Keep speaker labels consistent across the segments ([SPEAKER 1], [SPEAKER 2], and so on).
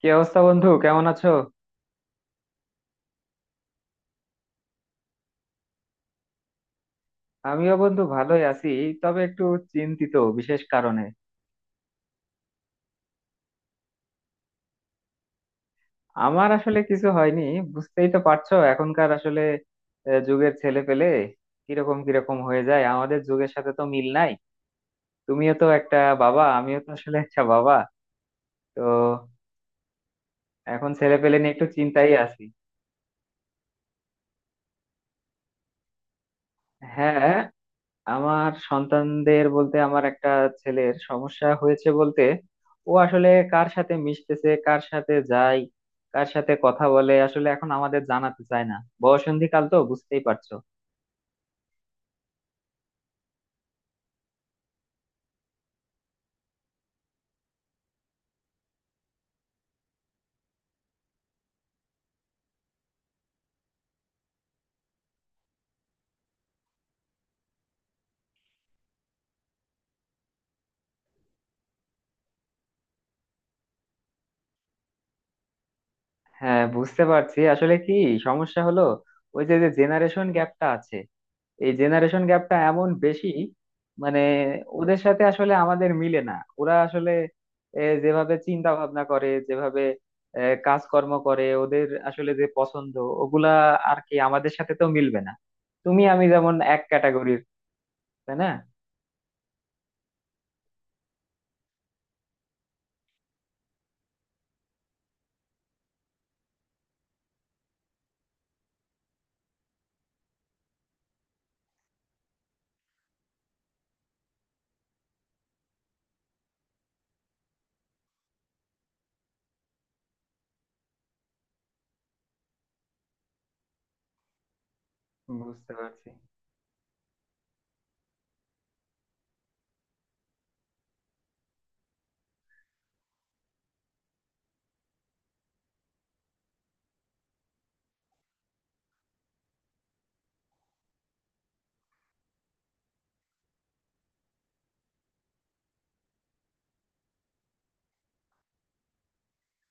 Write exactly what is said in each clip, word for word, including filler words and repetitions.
[SPEAKER 1] কি অবস্থা বন্ধু? কেমন আছো? আমিও বন্ধু ভালোই আছি, তবে একটু চিন্তিত বিশেষ কারণে। আমার আসলে কিছু হয়নি। বুঝতেই তো পারছো, এখনকার আসলে আহ, যুগের ছেলে পেলে কিরকম কিরকম হয়ে যায়, আমাদের যুগের সাথে তো মিল নাই। তুমিও তো একটা বাবা, আমিও তো আসলে একটা বাবা। তো এখন ছেলে পেলে নিয়ে একটু চিন্তাই আছি। হ্যাঁ, আমার সন্তানদের বলতে আমার একটা ছেলের সমস্যা হয়েছে, বলতে ও আসলে কার সাথে মিশতেছে, কার সাথে যায়, কার সাথে কথা বলে আসলে এখন আমাদের জানাতে চায় না। বয়ঃসন্ধিকাল তো বুঝতেই পারছো। হ্যাঁ বুঝতে পারছি। আসলে কি সমস্যা হলো, ওই যে যে জেনারেশন গ্যাপটা আছে, এই জেনারেশন গ্যাপটা এমন বেশি, মানে ওদের সাথে আসলে আমাদের মিলে না। ওরা আসলে এ, যেভাবে চিন্তা ভাবনা করে, যেভাবে এ, কাজকর্ম করে, ওদের আসলে যে পছন্দ ওগুলা আর কি আমাদের সাথে তো মিলবে না। তুমি আমি যেমন এক ক্যাটাগরির, তাই না? বুঝতে পারছি।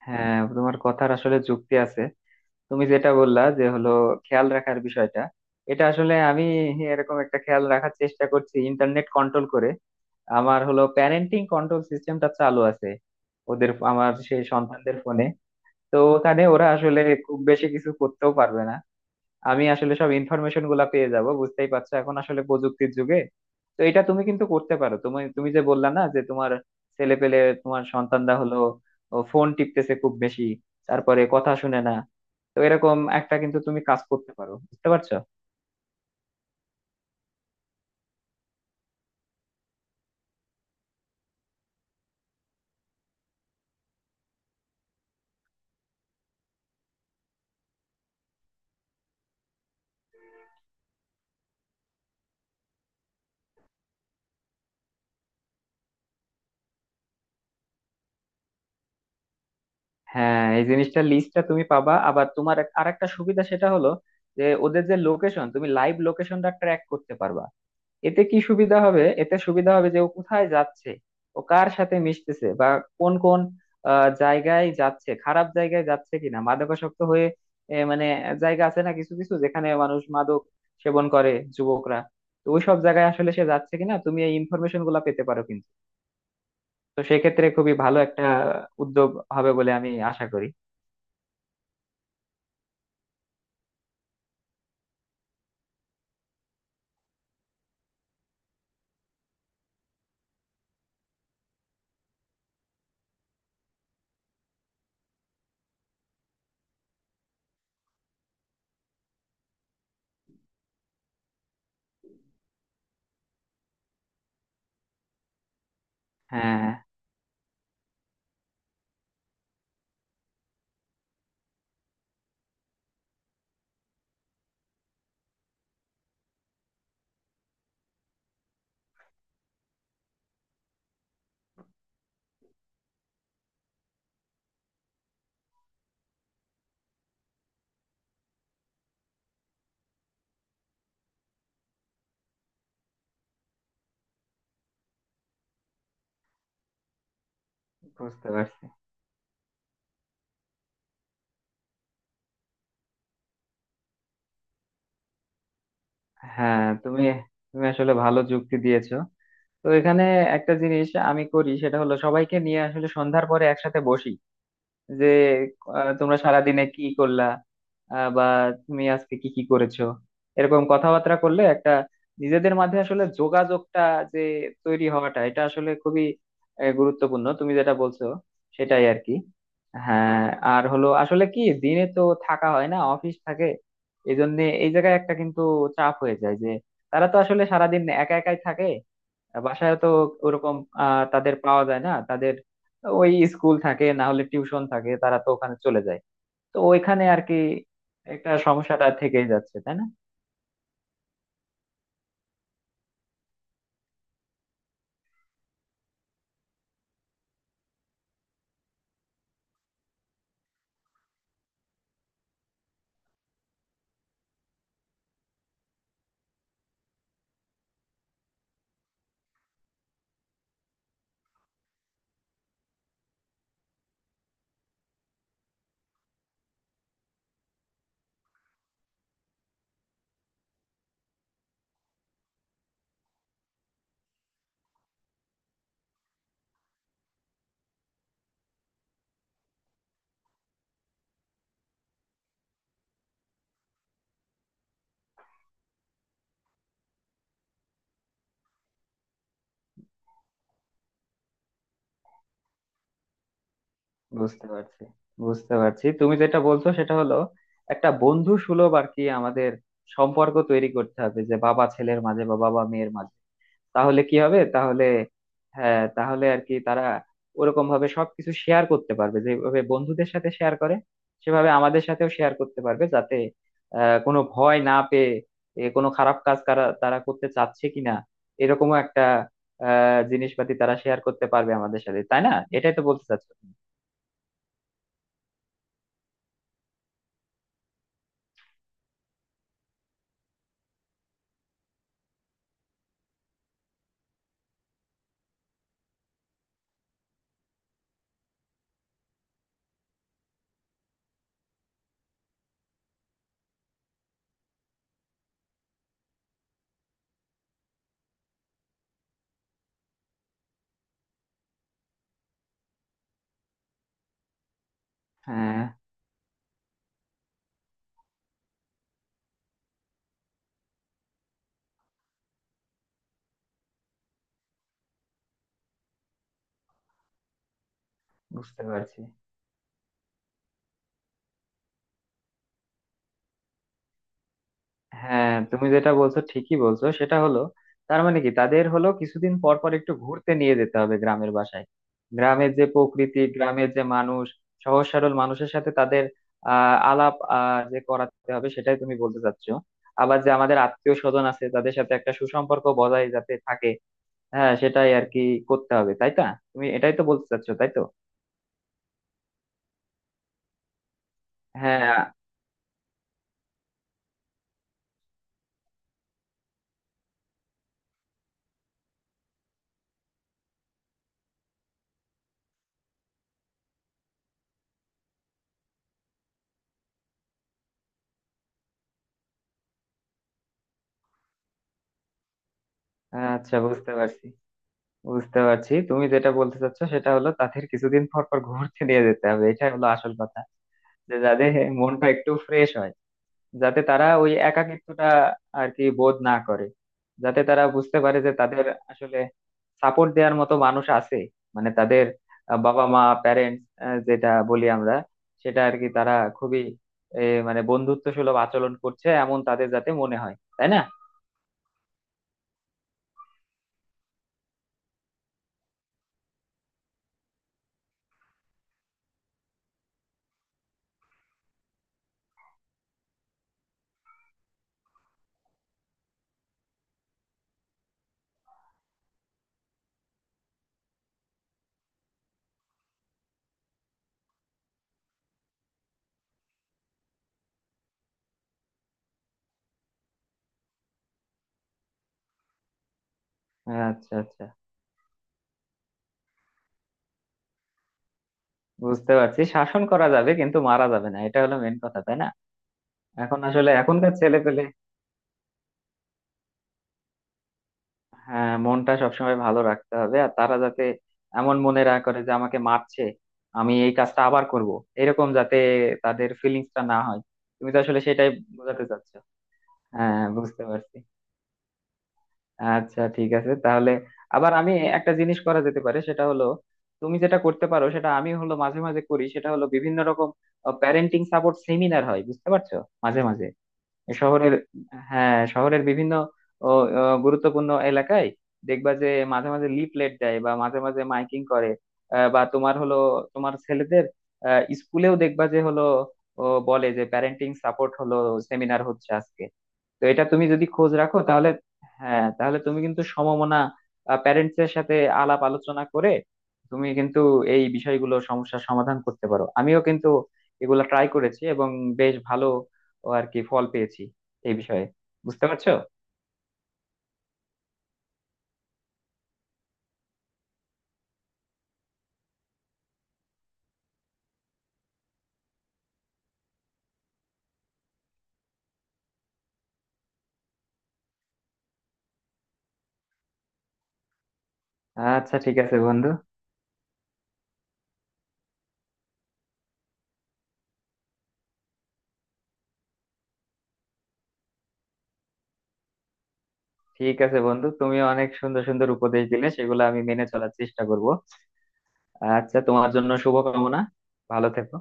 [SPEAKER 1] হ্যাঁ, তোমার কথার আসলে যুক্তি আছে। তুমি যেটা বললা, যে হলো খেয়াল রাখার বিষয়টা, এটা আসলে আমি এরকম একটা খেয়াল রাখার চেষ্টা করছি। ইন্টারনেট কন্ট্রোল করে আমার হলো প্যারেন্টিং কন্ট্রোল সিস্টেমটা চালু আছে ওদের, আমার সেই সন্তানদের ফোনে। তো ওখানে ওরা আসলে খুব বেশি কিছু করতেও পারবে না, আমি আসলে সব ইনফরমেশন গুলা পেয়ে যাব। বুঝতেই পারছো, এখন আসলে প্রযুক্তির যুগে। তো এটা তুমি কিন্তু করতে পারো। তুমি তুমি যে বললা না যে তোমার ছেলে পেলে, তোমার সন্তানরা হলো ফোন টিপতেছে খুব বেশি, তারপরে কথা শুনে না। তো এরকম একটা কিন্তু তুমি কাজ করতে পারো, বুঝতে পারছো? হ্যাঁ, এই জিনিসটা লিস্টটা তুমি পাবা। আবার তোমার আর একটা সুবিধা, সেটা হলো যে ওদের যে লোকেশন, তুমি লাইভ লোকেশনটা ট্র্যাক করতে পারবা। এতে কি সুবিধা হবে? এতে সুবিধা হবে যে ও কোথায় যাচ্ছে, ও কার সাথে মিশতেছে, বা কোন কোন আহ, জায়গায় যাচ্ছে, খারাপ জায়গায় যাচ্ছে কিনা, মাদকাসক্ত হয়ে এ, মানে জায়গা আছে না কিছু কিছু, যেখানে মানুষ মাদক সেবন করে, যুবকরা। তো ওই সব জায়গায় আসলে সে যাচ্ছে কিনা, তুমি এই ইনফরমেশন গুলা পেতে পারো কিন্তু। তো সেক্ষেত্রে খুবই ভালো একটা উদ্যোগ হবে বলে আমি আশা করি। হ্যাঁ বুঝতে পারছি। হ্যাঁ তুমি তুমি আসলে ভালো যুক্তি দিয়েছো। তো এখানে একটা জিনিস আমি করি, সেটা হলো সবাইকে নিয়ে আসলে সন্ধ্যার পরে একসাথে বসি, যে আহ, তোমরা সারাদিনে কি করলা, আহ, বা তুমি আজকে কি কি করেছো। এরকম কথাবার্তা করলে একটা নিজেদের মাঝে আসলে যোগাযোগটা যে তৈরি হওয়াটা, এটা আসলে খুবই আহ, গুরুত্বপূর্ণ। তুমি যেটা বলছো সেটাই আর কি। হ্যাঁ, আর হলো আসলে কি, দিনে তো থাকা হয় না, অফিস থাকে। এই জন্য এই জায়গায় একটা কিন্তু চাপ হয়ে যায়, যে তারা তো আসলে সারাদিন একা একাই থাকে। বাসায় তো ওরকম আহ তাদের পাওয়া যায় না, তাদের ওই স্কুল থাকে, না হলে টিউশন থাকে, তারা তো ওখানে চলে যায়। তো ওইখানে আর কি একটা সমস্যাটা থেকেই যাচ্ছে, তাই না? বুঝতে পারছি। বুঝতে পারছি তুমি যেটা বলছো, সেটা হলো একটা বন্ধু সুলভ আর কি আমাদের সম্পর্ক তৈরি করতে হবে যে বাবা ছেলের মাঝে বা বাবা মেয়ের মাঝে। তাহলে কি হবে? তাহলে হ্যাঁ, তাহলে আর কি তারা ওরকম ভাবে সবকিছু শেয়ার করতে পারবে। যেভাবে বন্ধুদের সাথে শেয়ার করে, সেভাবে আমাদের সাথেও শেয়ার করতে পারবে, যাতে আহ কোনো ভয় না পেয়ে এ, কোনো খারাপ কাজ তারা তারা করতে চাচ্ছে কিনা, এরকমও একটা আহ জিনিসপাতি তারা শেয়ার করতে পারবে আমাদের সাথে, তাই না? এটাই তো বলতে চাচ্ছো তুমি। হ্যাঁ বুঝতে পারছি। হ্যাঁ, তুমি যেটা বলছো ঠিকই বলছো। সেটা হলো তার মানে কি, তাদের হলো কিছুদিন পর পর একটু ঘুরতে নিয়ে যেতে হবে গ্রামের বাসায়। গ্রামের যে প্রকৃতি, গ্রামের যে মানুষ, সহজ সরল মানুষের সাথে তাদের আহ আলাপ আহ যে করাতে হবে, সেটাই তুমি বলতে চাচ্ছো। আবার যে আমাদের আত্মীয় স্বজন আছে, তাদের সাথে একটা সুসম্পর্ক বজায় যাতে থাকে। হ্যাঁ সেটাই আর কি করতে হবে, তাই না? তুমি এটাই তো বলতে চাচ্ছো, তাই তো? হ্যাঁ। আচ্ছা বুঝতে পারছি। বুঝতে পারছি তুমি যেটা বলতে চাচ্ছ, সেটা হলো তাদের কিছুদিন পর পর ঘুরতে নিয়ে যেতে হবে, এটাই হলো আসল কথা। যে যাদের মনটা একটু ফ্রেশ হয়, যাতে তারা ওই একাকিত্বটা আর কি বোধ না করে, যাতে তারা বুঝতে পারে যে তাদের আসলে সাপোর্ট দেওয়ার মতো মানুষ আছে, মানে তাদের আহ, বাবা মা প্যারেন্টস যেটা বলি আমরা, সেটা আর কি। তারা খুবই এ, মানে বন্ধুত্ব সুলভ আচরণ করছে এমন তাদের যাতে মনে হয়, তাই না? আচ্ছা আচ্ছা। বুঝতে পারছি, শাসন করা যাবে কিন্তু মারা যাবে না, এটা হলো মেন কথা, তাই না? এখন আসলে এখনকার ছেলে পেলে হ্যাঁ মনটা সবসময় ভালো রাখতে হবে, আর তারা যাতে এমন মনে না করে যে আমাকে মারছে, আমি এই কাজটা আবার করব, এরকম যাতে তাদের ফিলিংসটা না হয়। তুমি তো আসলে সেটাই বোঝাতে চাচ্ছো। হ্যাঁ বুঝতে পারছি। আচ্ছা ঠিক আছে তাহলে। আবার আমি একটা জিনিস করা যেতে পারে, সেটা হলো তুমি যেটা করতে পারো, সেটা আমি হলো মাঝে মাঝে করি, সেটা হলো বিভিন্ন রকম প্যারেন্টিং সাপোর্ট সেমিনার হয়, বুঝতে পারছো, মাঝে মাঝে শহরের হ্যাঁ শহরের বিভিন্ন ও, ও, গুরুত্বপূর্ণ এলাকায় দেখবা যে মাঝে মাঝে লিফলেট দেয়, বা মাঝে মাঝে মাইকিং করে, আহ, বা তোমার হলো তোমার ছেলেদের আহ, স্কুলেও দেখবা যে হলো ও, বলে যে প্যারেন্টিং সাপোর্ট হলো সেমিনার হচ্ছে আজকে। তো এটা তুমি যদি খোঁজ রাখো তাহলে হ্যাঁ তাহলে তুমি কিন্তু সমমনা প্যারেন্টস এর সাথে আলাপ আলোচনা করে তুমি কিন্তু এই বিষয়গুলো সমস্যার সমাধান করতে পারো। আমিও কিন্তু এগুলো ট্রাই করেছি এবং বেশ ভালো ও আর কি ফল পেয়েছি এই বিষয়ে, বুঝতে পারছো? আচ্ছা ঠিক আছে বন্ধু। ঠিক আছে বন্ধু, তুমি অনেক সুন্দর সুন্দর উপদেশ দিলে, সেগুলো আমি মেনে চলার চেষ্টা করব। আচ্ছা, তোমার জন্য শুভকামনা। ভালো থেকো।